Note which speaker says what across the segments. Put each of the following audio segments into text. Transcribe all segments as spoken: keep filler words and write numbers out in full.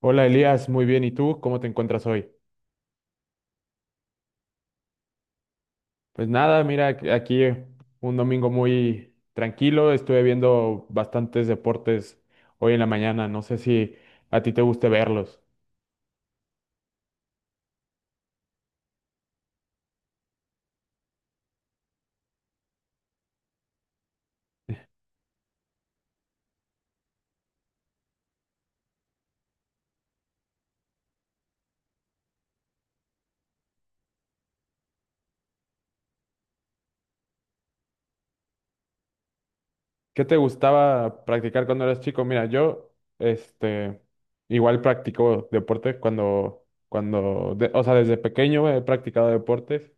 Speaker 1: Hola Elías, muy bien. ¿Y tú? ¿Cómo te encuentras hoy? Pues nada, mira, ac- aquí un domingo muy tranquilo. Estuve viendo bastantes deportes hoy en la mañana. No sé si a ti te guste verlos. ¿Qué te gustaba practicar cuando eras chico? Mira, yo, este, igual practico deporte cuando, cuando, de- o sea, desde pequeño he practicado deportes.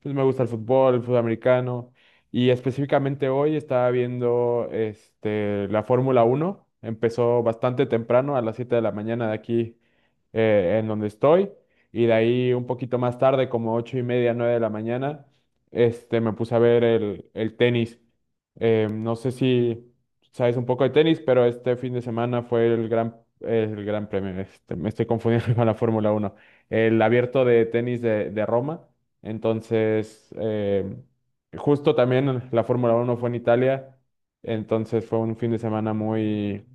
Speaker 1: Pues me gusta el fútbol, el fútbol americano. Y específicamente hoy estaba viendo este, la Fórmula uno. Empezó bastante temprano, a las siete de la mañana de aquí eh, en donde estoy. Y de ahí un poquito más tarde, como ocho y media, nueve de la mañana, este, me puse a ver el, el tenis. Eh, no sé si sabes un poco de tenis, pero este fin de semana fue el gran, el gran premio. Este, me estoy confundiendo con la Fórmula uno. El abierto de tenis de, de Roma. Entonces, eh, justo también la Fórmula uno fue en Italia. Entonces fue un fin de semana muy,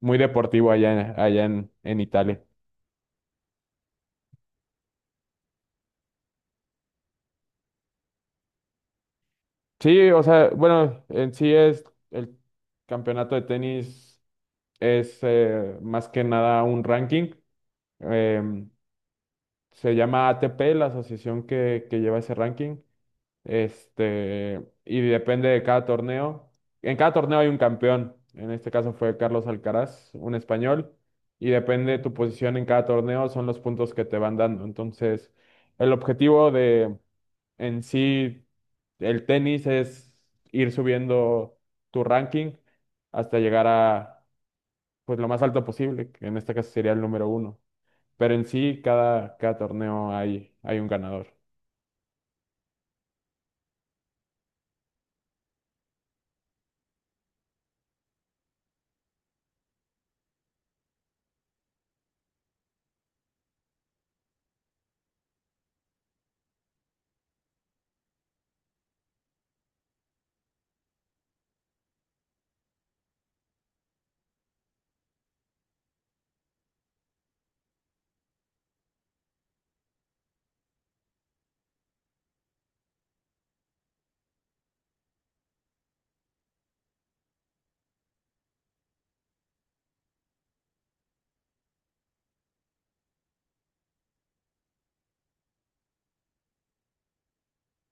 Speaker 1: muy deportivo allá, allá en, en Italia. Sí, o sea, bueno, en sí es el campeonato de tenis, es eh, más que nada un ranking. em, Se llama A T P, la asociación que, que lleva ese ranking. Este, y depende de cada torneo. En cada torneo hay un campeón. En este caso fue Carlos Alcaraz, un español. Y depende de tu posición en cada torneo, son los puntos que te van dando. Entonces, el objetivo en sí, el tenis es ir subiendo tu ranking hasta llegar a pues lo más alto posible, que en este caso sería el número uno. Pero en sí, cada, cada torneo hay, hay un ganador.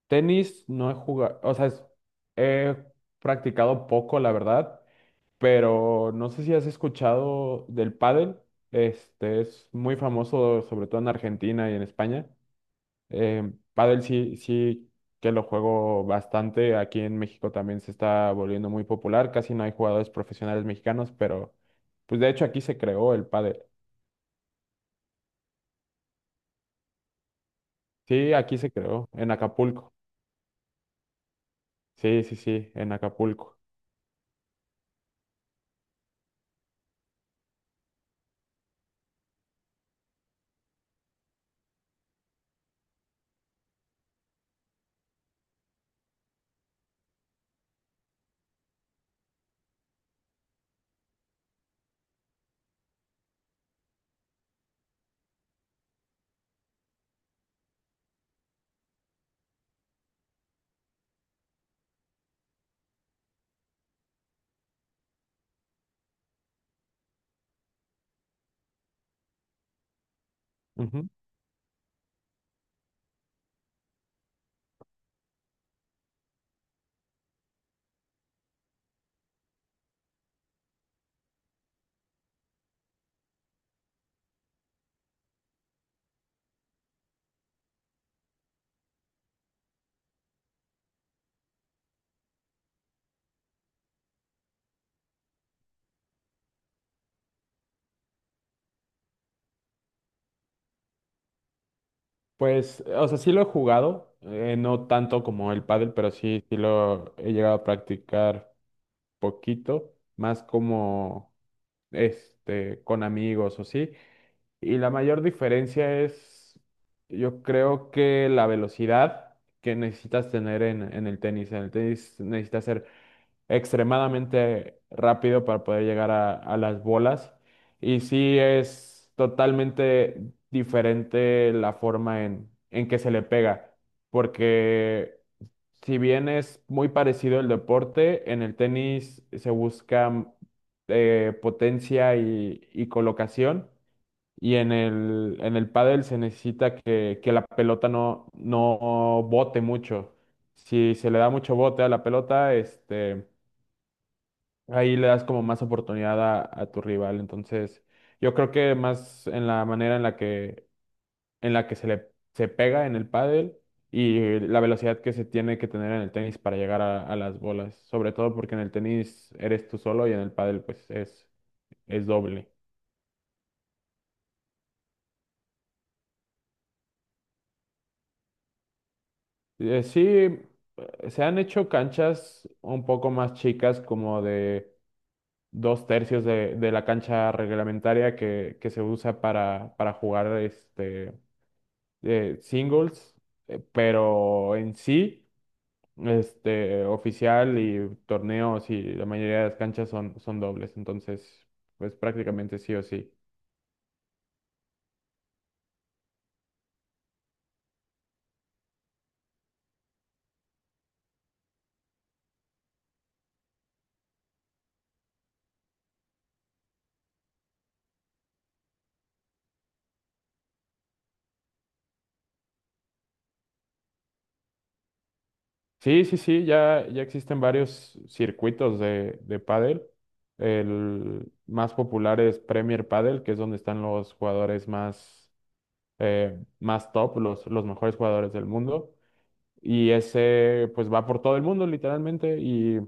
Speaker 1: Tenis no he jugado, o sea, es- he practicado poco, la verdad, pero no sé si has escuchado del pádel. Este es muy famoso, sobre todo en Argentina y en España. Eh, Pádel sí, sí que lo juego bastante. Aquí en México también se está volviendo muy popular. Casi no hay jugadores profesionales mexicanos, pero pues de hecho aquí se creó el pádel. Sí, aquí se creó, en Acapulco. Sí, sí, sí, en Acapulco. Ujú. Pues, o sea, sí lo he jugado, eh, no tanto como el pádel, pero sí, sí lo he llegado a practicar poquito, más como este, con amigos o sí. Y la mayor diferencia es, yo creo que la velocidad que necesitas tener en, en el tenis. En el tenis necesitas ser extremadamente rápido para poder llegar a, a las bolas. Y sí es totalmente diferente la forma en, en que se le pega. Porque si bien es muy parecido el deporte, en el tenis se busca eh, potencia y y colocación y en el, en el pádel se necesita que, que la pelota no, no bote mucho. Si se le da mucho bote a la pelota, este, ahí le das como más oportunidad a, a tu rival. Entonces, yo creo que más en la manera en la que, en la que se le se pega en el pádel y la velocidad que se tiene que tener en el tenis para llegar a, a las bolas. Sobre todo porque en el tenis eres tú solo y en el pádel pues es, es doble. Eh, sí, eh, se han hecho canchas un poco más chicas, como de dos tercios de, de la cancha reglamentaria que, que se usa para, para jugar este, eh, singles, eh, pero en sí, este, oficial y torneos y la mayoría de las canchas son, son dobles, entonces, pues prácticamente sí o sí. Sí, sí, sí, ya, ya existen varios circuitos de, de pádel. El más popular es Premier Padel, que es donde están los jugadores más, eh, más top, los, los mejores jugadores del mundo. Y ese pues va por todo el mundo literalmente y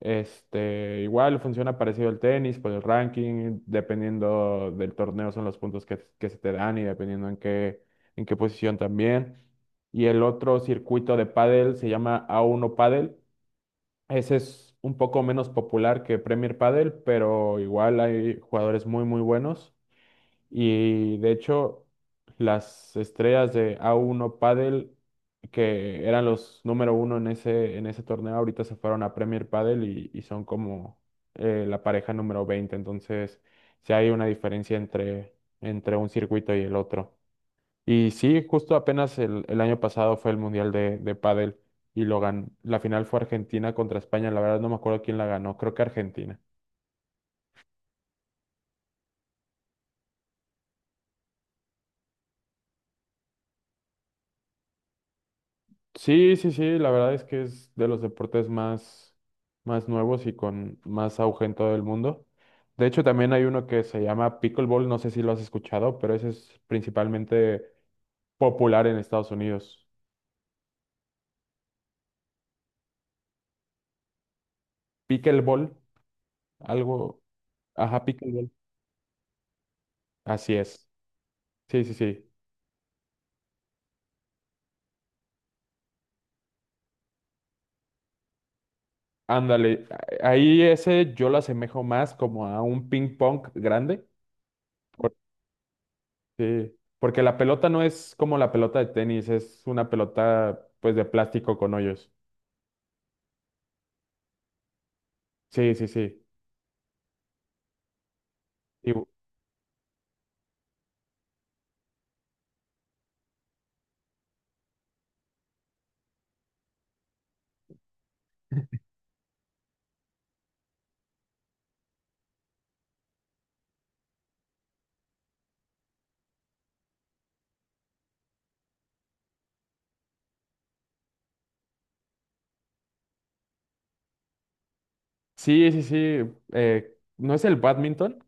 Speaker 1: este igual funciona parecido al tenis por el ranking, dependiendo del torneo son los puntos que, que se te dan y dependiendo en qué, en qué posición también. Y el otro circuito de pádel se llama a uno Pádel. Ese es un poco menos popular que Premier Pádel, pero igual hay jugadores muy muy buenos. Y de hecho, las estrellas de a uno Padel, que eran los número uno en ese, en ese torneo, ahorita se fueron a Premier Padel y, y son como eh, la pareja número veinte. Entonces, sí hay una diferencia entre, entre un circuito y el otro. Y sí, justo apenas el, el año pasado fue el Mundial de, de Padel y lo gan- la final fue Argentina contra España. La verdad no me acuerdo quién la ganó, creo que Argentina. Sí, sí, sí, la verdad es que es de los deportes más, más nuevos y con más auge en todo el mundo. De hecho, también hay uno que se llama pickleball, no sé si lo has escuchado, pero ese es principalmente popular en Estados Unidos. Pickleball, algo, ajá, pickleball. Así es. Sí, sí, sí. Ándale, a- ahí ese yo lo asemejo más como a un ping pong grande. Por- Sí. Porque la pelota no es como la pelota de tenis, es una pelota pues de plástico con hoyos. Sí, sí, sí. Y sí, sí, sí. Eh, ¿no es el badminton?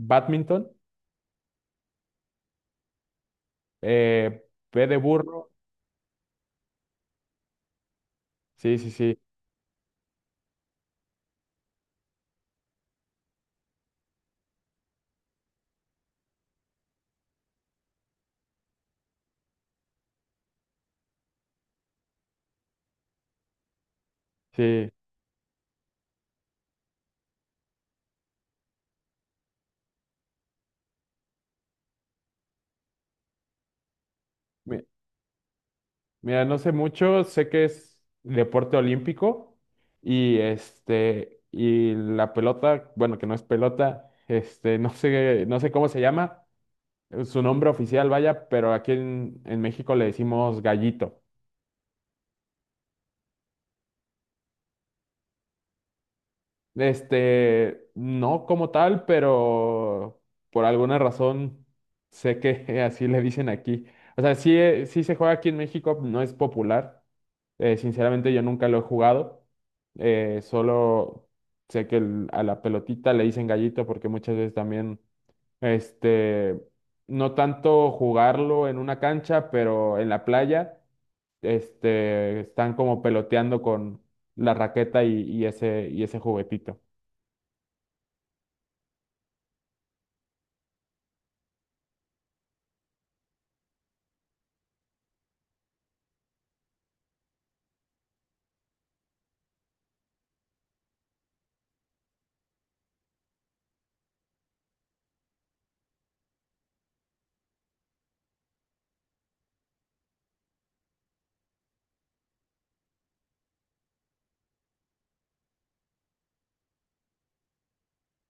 Speaker 1: Badminton. Eh, B de burro. Sí, sí, sí. Sí. Mi- Mira, no sé mucho. Sé que es deporte olímpico. Y este, y la pelota, bueno, que no es pelota, este, no sé, no sé, cómo se llama, eh, su nombre oficial, vaya, pero aquí en, en México le decimos gallito. Este, no como tal, pero por alguna razón sé que así le dicen aquí. O sea, sí, eh, sí se juega aquí en México, no es popular. Eh, sinceramente yo nunca lo he jugado. Eh, solo sé que el- a la pelotita le dicen gallito porque muchas veces también, este, no tanto jugarlo en una cancha, pero en la playa, este, están como peloteando con la raqueta y, y ese, y ese juguetito.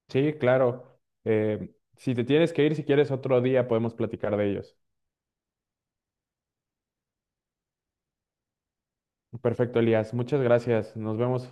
Speaker 1: Sí, claro. Eh, si te tienes que ir, si quieres otro día podemos platicar de ellos. Perfecto, Elías. Muchas gracias. Nos vemos.